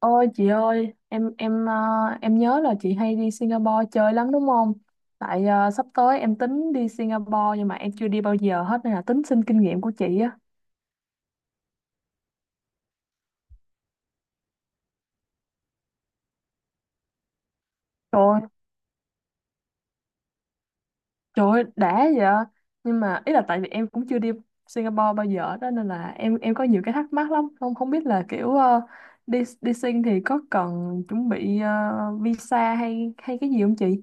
Ôi chị ơi, em nhớ là chị hay đi Singapore chơi lắm đúng không? Tại sắp tới em tính đi Singapore nhưng mà em chưa đi bao giờ hết nên là tính xin kinh nghiệm của chị á. Trời ơi, trời ơi, đã vậy. Nhưng mà ý là tại vì em cũng chưa đi Singapore bao giờ đó nên là em có nhiều cái thắc mắc lắm, không không biết là kiểu đi đi Sing thì có cần chuẩn bị visa hay hay cái gì không chị?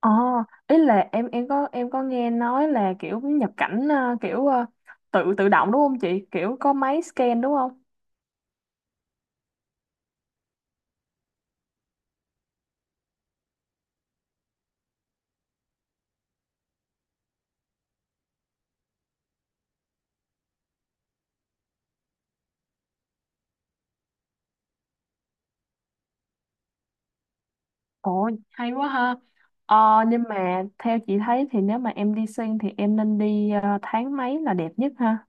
Ờ, ý là em có em có nghe nói là kiểu nhập cảnh kiểu tự tự động đúng không chị? Kiểu có máy scan đúng không? Ồ, hay quá ha. Ờ, nhưng mà theo chị thấy thì nếu mà em đi xuyên thì em nên đi tháng mấy là đẹp nhất ha?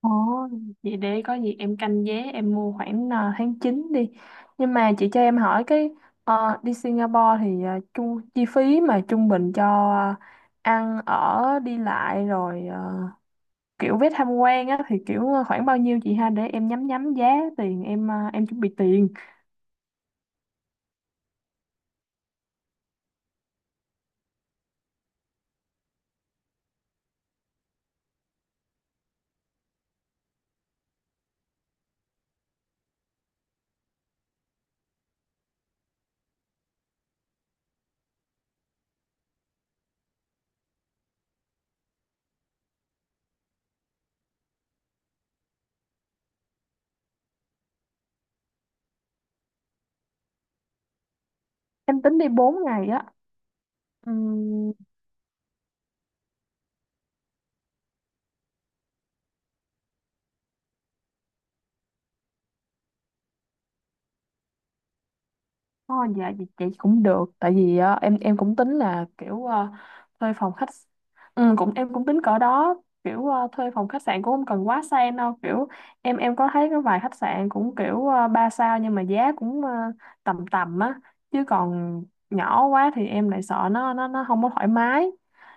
Ồ, vậy để có gì em canh vé em mua khoảng tháng 9 đi. Nhưng mà chị cho em hỏi cái đi Singapore thì chi phí mà trung bình cho ờ, ăn ở đi lại rồi kiểu vé tham quan á thì kiểu khoảng bao nhiêu chị ha để em nhắm nhắm giá tiền em em chuẩn bị tiền em tính đi 4 ngày á. Oh dạ chị cũng được tại vì em cũng tính là kiểu thuê phòng khách, ừ, cũng em cũng tính cỡ đó kiểu thuê phòng khách sạn cũng không cần quá sang đâu kiểu em có thấy có vài khách sạn cũng kiểu ba sao nhưng mà giá cũng tầm tầm á chứ còn nhỏ quá thì em lại sợ nó không có thoải mái.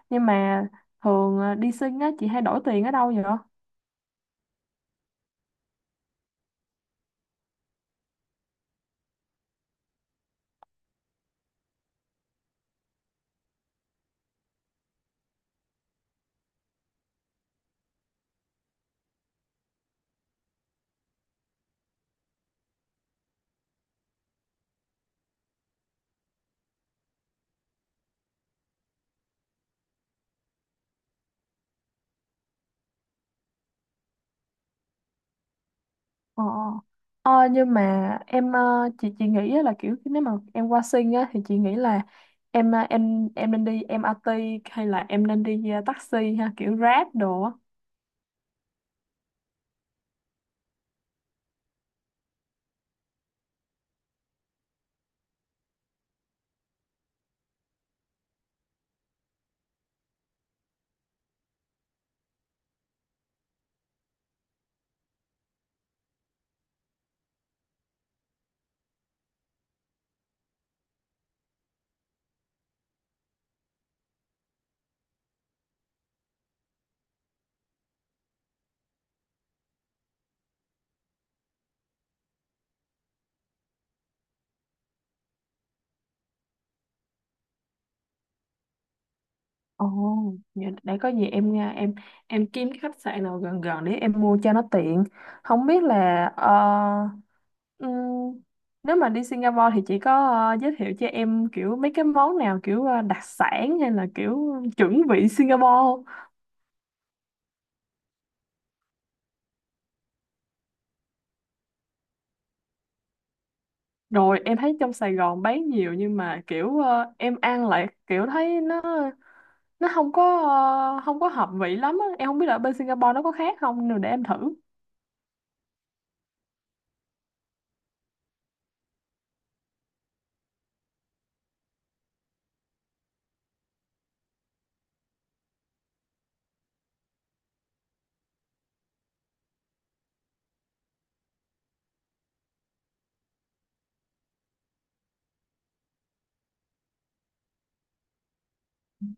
Nhưng mà thường đi sinh á chị hay đổi tiền ở đâu vậy? Ờ, ờ nhưng mà em chị nghĩ á là kiểu nếu mà em qua sinh á thì chị nghĩ là em em nên đi em MRT hay là em nên đi taxi ha kiểu Grab đồ á. Ồ, vậy để có gì em nha em kiếm cái khách sạn nào gần gần để em mua cho nó tiện. Không biết là ừm, nếu mà đi Singapore thì chị có giới thiệu cho em kiểu mấy cái món nào kiểu đặc sản hay là kiểu chuẩn vị Singapore? Rồi em thấy trong Sài Gòn bán nhiều nhưng mà kiểu em ăn lại kiểu thấy nó không có không có hợp vị lắm á. Em không biết là ở bên Singapore nó có khác không nên để em thử.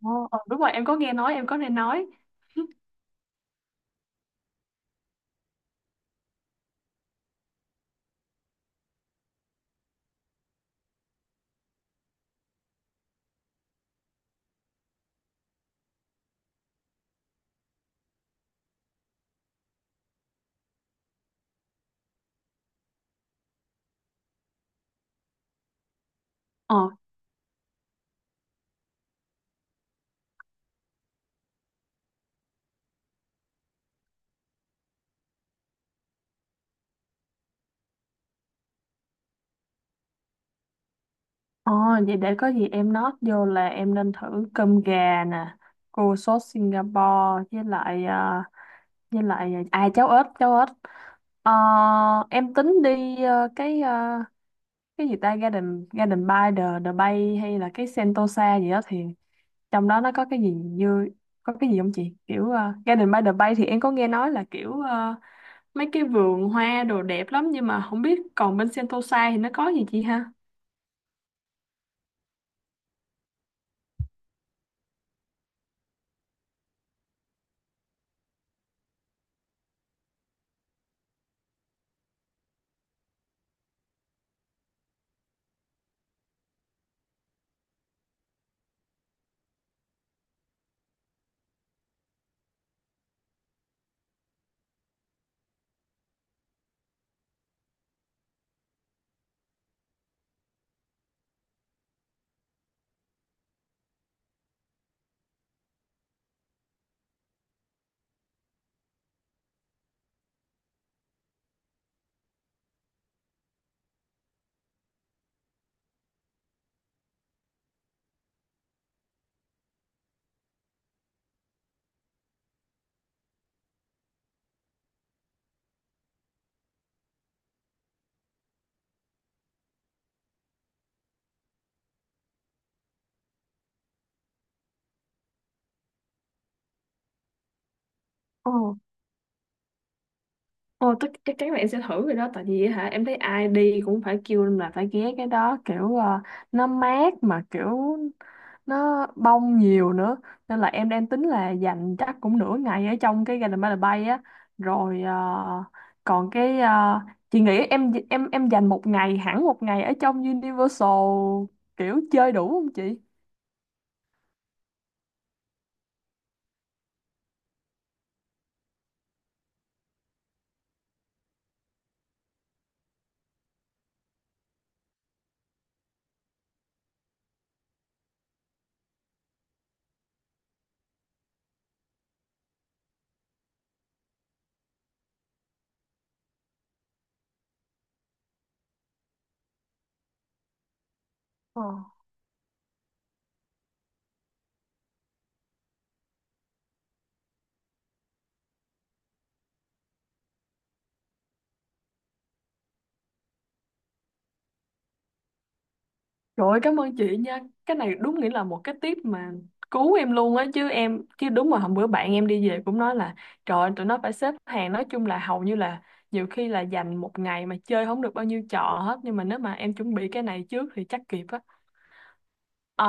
Ồ, ờ, đúng rồi em có nghe nói em có nghe nói. Ờ, ờ vậy để có gì em note vô là em nên thử cơm gà nè, cô sốt Singapore với lại với lại à cháo ếch cháo ếch. Ờ, em tính đi cái cái gì ta Garden Garden by the Bay hay là cái Sentosa gì đó thì trong đó nó có cái gì như có cái gì không chị kiểu Garden by the Bay thì em có nghe nói là kiểu mấy cái vườn hoa đồ đẹp lắm nhưng mà không biết còn bên Sentosa thì nó có gì chị ha? Ồ. Ồ, tất chắc chắn là em sẽ thử rồi đó tại vì hả em thấy ai đi cũng phải kêu là phải ghé cái đó kiểu nó mát mà kiểu nó bông nhiều nữa nên là em đang tính là dành chắc cũng nửa ngày ở trong cái Garden by the Bay á rồi còn cái chị nghĩ em dành một ngày hẳn một ngày ở trong Universal kiểu chơi đủ không chị? Trời ơi, cảm ơn chị nha. Cái này đúng nghĩa là một cái tip mà cứu em luôn á chứ em chứ đúng mà hôm bữa bạn em đi về cũng nói là trời ơi, tụi nó phải xếp hàng nói chung là hầu như là nhiều khi là dành một ngày mà chơi không được bao nhiêu trò hết nhưng mà nếu mà em chuẩn bị cái này trước thì chắc kịp á. Ờ,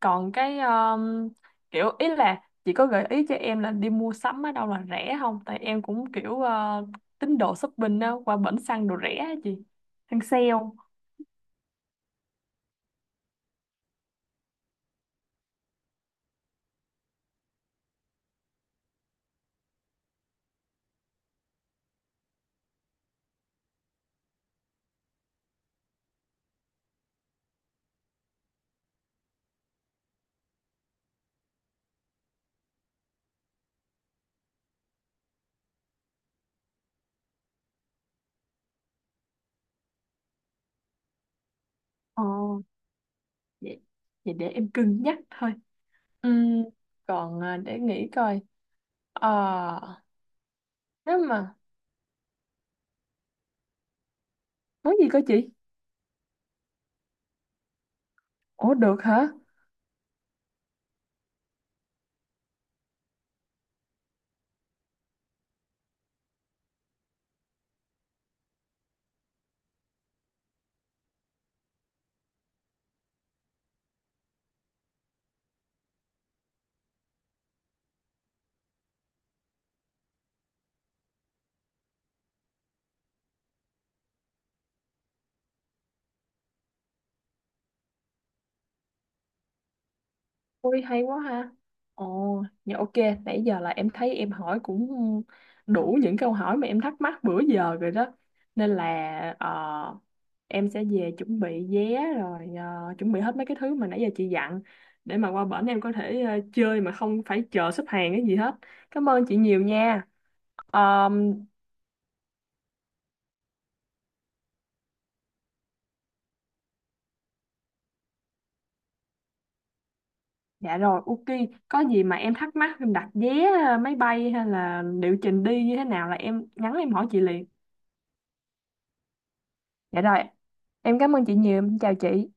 còn cái kiểu ý là chị có gợi ý cho em là đi mua sắm ở đâu là rẻ không? Tại em cũng kiểu tín đồ shopping á qua bển xăng đồ rẻ á chị. Hàng sale. Ờ. Vậy, vậy để em cân nhắc thôi. Ừm, còn à, để nghĩ coi. Ờ, nếu mà món gì cơ chị? Ủa được hả? Ôi hay quá ha. Ồ dạ ok. Nãy giờ là em thấy em hỏi cũng đủ những câu hỏi mà em thắc mắc bữa giờ rồi đó nên là em sẽ về chuẩn bị vé rồi chuẩn bị hết mấy cái thứ mà nãy giờ chị dặn để mà qua bển em có thể chơi mà không phải chờ xếp hàng cái gì hết. Cảm ơn chị nhiều nha. Ờ, dạ rồi, ok. Có gì mà em thắc mắc em đặt vé máy bay hay là liệu trình đi như thế nào là em nhắn em hỏi chị liền. Dạ rồi, em cảm ơn chị nhiều, em chào chị.